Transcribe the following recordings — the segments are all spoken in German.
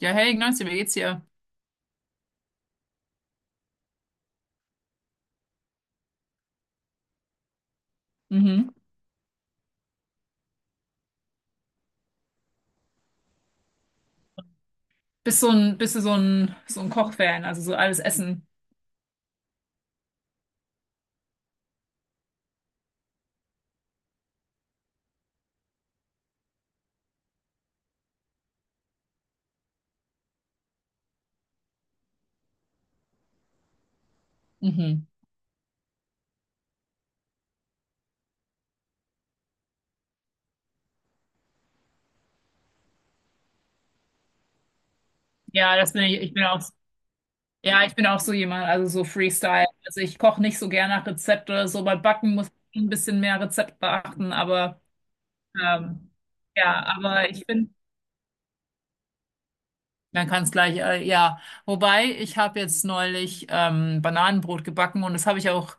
Ja, hey, Ignacio, wie geht's dir? Mhm. Bist du so ein Kochfan, also so alles Essen? Mhm. Ja, das bin ich. Ja, ich bin auch so jemand, also so Freestyle. Also ich koche nicht so gern nach Rezept oder so. Bei Backen muss ich ein bisschen mehr Rezept beachten, aber ähm, ja, aber ich bin. Man kann es gleich, ja. Wobei, ich habe jetzt neulich Bananenbrot gebacken und das habe ich auch.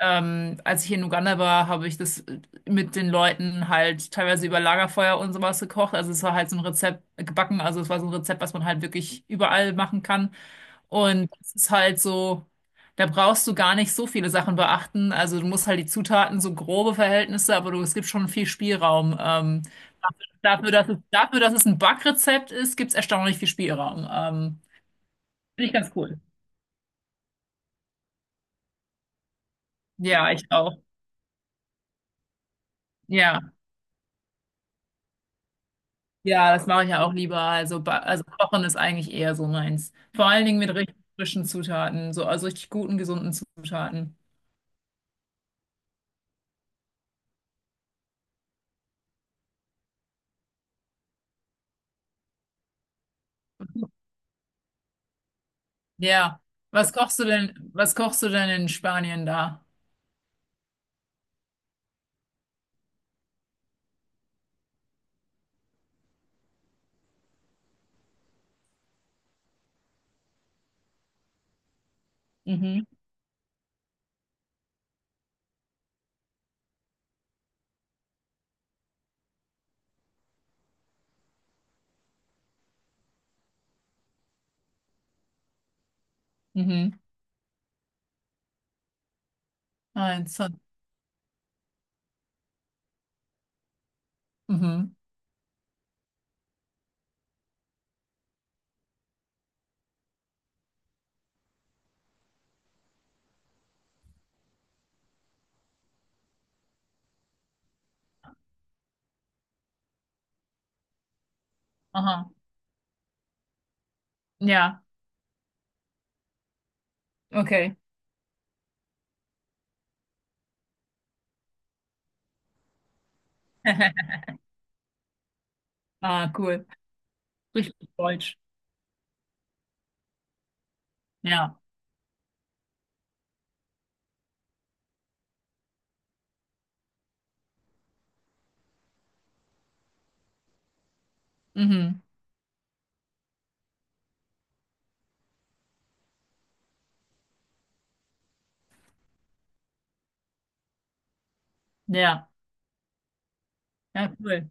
Als ich in Uganda war, habe ich das mit den Leuten halt teilweise über Lagerfeuer und sowas gekocht. Also es war halt so ein Rezept gebacken. Also es war so ein Rezept, was man halt wirklich überall machen kann. Und es ist halt so, da brauchst du gar nicht so viele Sachen beachten. Also du musst halt die Zutaten, so grobe Verhältnisse, aber du, es gibt schon viel Spielraum. Dafür, dass es ein Backrezept ist, gibt es erstaunlich viel Spielraum. Finde ich ganz cool. Ja, ich auch. Ja. Ja, das mache ich ja auch lieber. Also kochen ist eigentlich eher so meins. Vor allen Dingen mit richtig frischen Zutaten, so also richtig guten, gesunden Zutaten. Ja. Was kochst du denn in Spanien da? Mhm. Mhm. Eins, zwei, mhm. Aha. Ja, okay. Ah, cool. Richtig deutsch. Ja. Mhm. Ja. Ja, cool.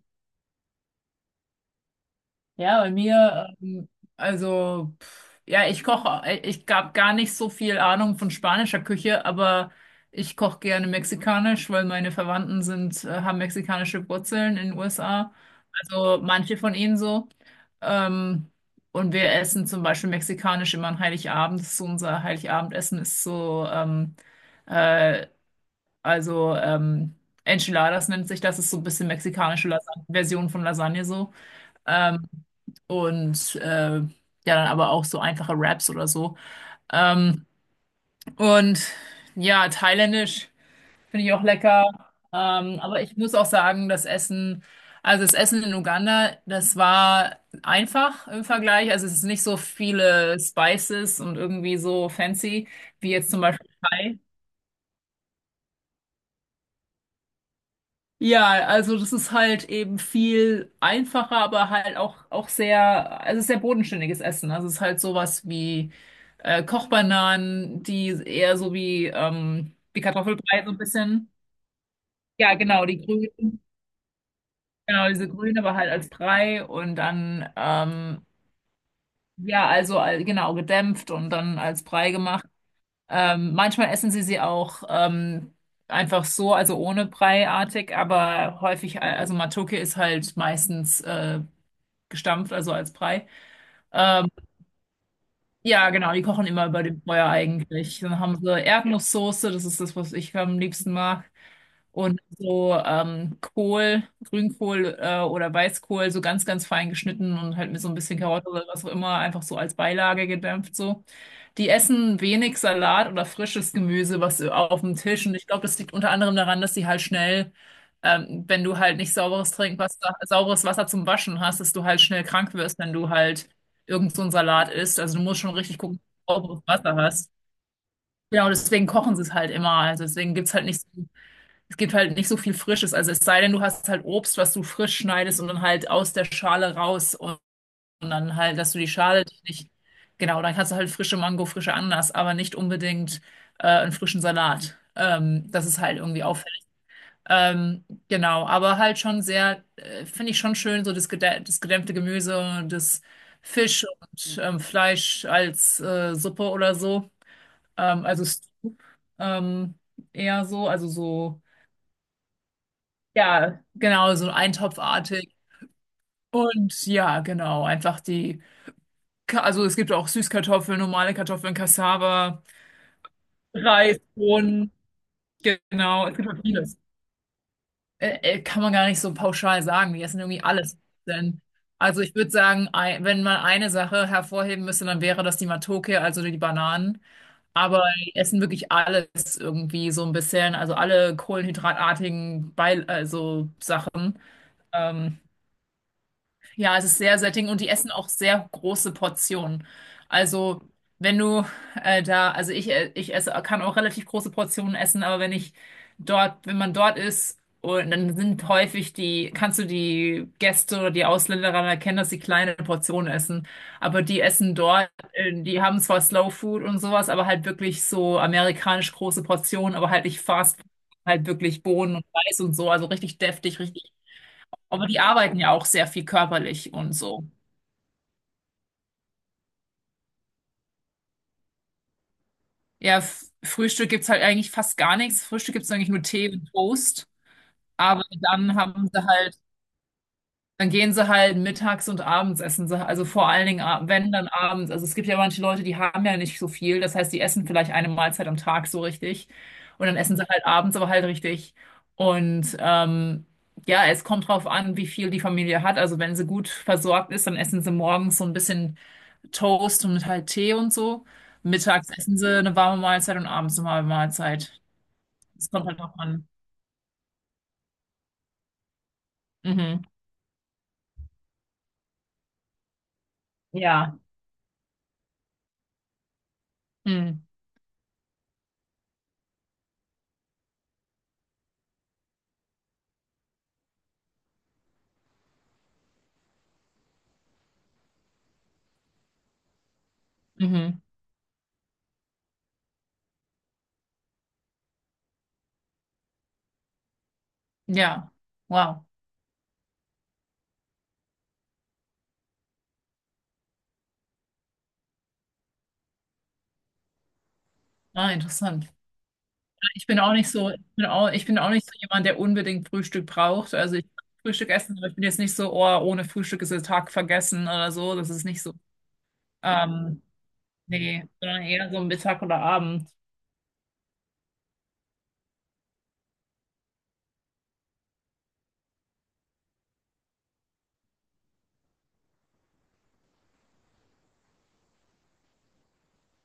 Ja, bei mir, also, ja, ich gab gar nicht so viel Ahnung von spanischer Küche, aber ich koche gerne mexikanisch, weil meine haben mexikanische Wurzeln in den USA. Also manche von ihnen so. Ähm, und wir essen zum Beispiel mexikanisch immer an Heiligabend. Das ist so unser Heiligabendessen ist so, äh, also Enchiladas nennt sich das, ist so ein bisschen mexikanische Lasagne, Version von Lasagne so. Ähm, und äh, ja, Dann aber auch so einfache Raps oder so. Ähm, und ja, thailändisch finde ich auch lecker. Aber ich muss auch sagen, also das Essen in Uganda, das war einfach im Vergleich. Also es ist nicht so viele Spices und irgendwie so fancy wie jetzt zum Beispiel Thai. Ja, also das ist halt eben viel einfacher, aber halt auch, auch sehr, also sehr bodenständiges Essen. Also es ist halt sowas wie Kochbananen, die eher so wie, wie Kartoffelbrei so ein bisschen. Ja, genau, die grünen, genau, diese grünen, aber halt als Brei und dann, genau, gedämpft und dann als Brei gemacht. Manchmal essen sie sie auch einfach so, also ohne Breiartig, aber häufig, also Matoke ist halt meistens gestampft, also als Brei. Ähm, ja, genau, die kochen immer über dem Feuer eigentlich. Dann haben sie Erdnusssoße, das ist das, was ich am liebsten mag. Und so Kohl, Grünkohl oder Weißkohl, so ganz, ganz fein geschnitten und halt mit so ein bisschen Karotte oder was auch immer, einfach so als Beilage gedämpft so. Die essen wenig Salat oder frisches Gemüse, was auf dem Tisch. Und ich glaube, das liegt unter anderem daran, dass die halt schnell, wenn du halt nicht sauberes Trinkwasser, sauberes Wasser zum Waschen hast, dass du halt schnell krank wirst, wenn du halt irgend so ein Salat ist. Also du musst schon richtig gucken, ob du sauberes Wasser hast. Genau, deswegen kochen sie es halt immer. Also deswegen gibt's halt nicht so, es gibt halt nicht so viel Frisches. Also es sei denn, du hast halt Obst, was du frisch schneidest und dann halt aus der Schale raus und dann halt, dass du die Schale dich nicht, genau, dann kannst du halt frische Mango, frische Ananas, aber nicht unbedingt einen frischen Salat. Das ist halt irgendwie auf. Genau, aber halt schon sehr, finde ich schon schön, so das, gedä das gedämpfte Gemüse, das Fisch und Fleisch als Suppe oder so. Also Stew, ähm, eher so, also so, ja, genau, so eintopfartig. Und ja, genau, einfach die, also es gibt auch Süßkartoffeln, normale Kartoffeln, Cassava, Reis, Bohnen, genau, es gibt auch vieles. Kann man gar nicht so pauschal sagen. Die essen irgendwie alles. Denn, also ich würde sagen, wenn man eine Sache hervorheben müsste, dann wäre das die Matoke, also die Bananen. Aber die essen wirklich alles irgendwie so ein bisschen. Also alle kohlenhydratartigen Beil also Sachen. Ähm, ja, es ist sehr sättigend und die essen auch sehr große Portionen. Also, wenn du also ich esse, kann auch relativ große Portionen essen, aber wenn man dort ist, und dann sind häufig die, kannst du die Gäste oder die Ausländer daran erkennen, dass sie kleine Portionen essen. Aber die essen dort, die haben zwar Slow Food und sowas, aber halt wirklich so amerikanisch große Portionen, aber halt nicht Fast Food, halt wirklich Bohnen und Reis und so, also richtig deftig, richtig aber die arbeiten ja auch sehr viel körperlich und so. Ja, Frühstück gibt's halt eigentlich fast gar nichts. Frühstück gibt's eigentlich nur Tee und Toast. Aber dann haben sie halt, dann gehen sie halt mittags und abends essen sie. Also vor allen Dingen, wenn dann abends. Also es gibt ja manche Leute, die haben ja nicht so viel. Das heißt, die essen vielleicht eine Mahlzeit am Tag so richtig. Und dann essen sie halt abends aber halt richtig. Und ja, es kommt drauf an, wie viel die Familie hat. Also wenn sie gut versorgt ist, dann essen sie morgens so ein bisschen Toast und halt Tee und so. Mittags essen sie eine warme Mahlzeit und abends eine warme Mahlzeit. Das kommt halt drauf an. Mhm. Ja. Mhm. Mhm. Ja. Wow. Ah, interessant. Ich bin auch nicht so, ich bin auch nicht so jemand, der unbedingt Frühstück braucht. Also ich kann Frühstück essen, aber ich bin jetzt nicht so, oh, ohne Frühstück ist der Tag vergessen oder so. Das ist nicht so. Ähm, nee, sondern eher so Mittag oder Abend.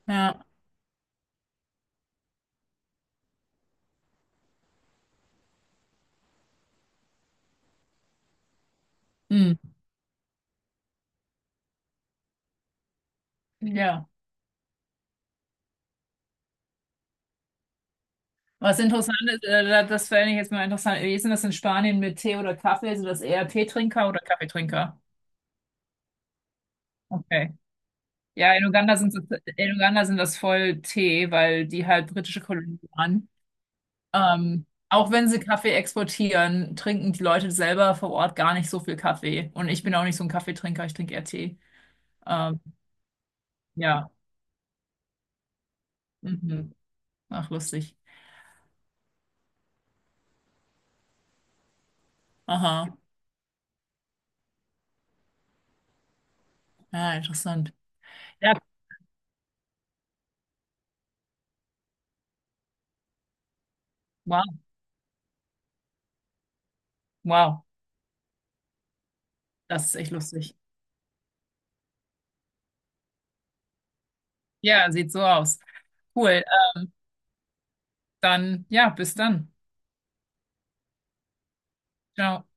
Ja. Mhm. Ja. Was interessant ist, das fände ich jetzt mal interessant. Wie ist denn das in Spanien mit Tee oder Kaffee? Sind das eher Teetrinker oder Kaffeetrinker? Okay. Ja, in Uganda sind das, in Uganda sind das voll Tee, weil die halt britische Kolonien waren. Auch wenn sie Kaffee exportieren, trinken die Leute selber vor Ort gar nicht so viel Kaffee. Und ich bin auch nicht so ein Kaffeetrinker, ich trinke eher Tee. Ähm, ja. Mhm. Ach, lustig. Aha. Ja, interessant. Ja, wow. Wow. Das ist echt lustig. Ja, sieht so aus. Cool. Dann, ja, bis dann. Ciao.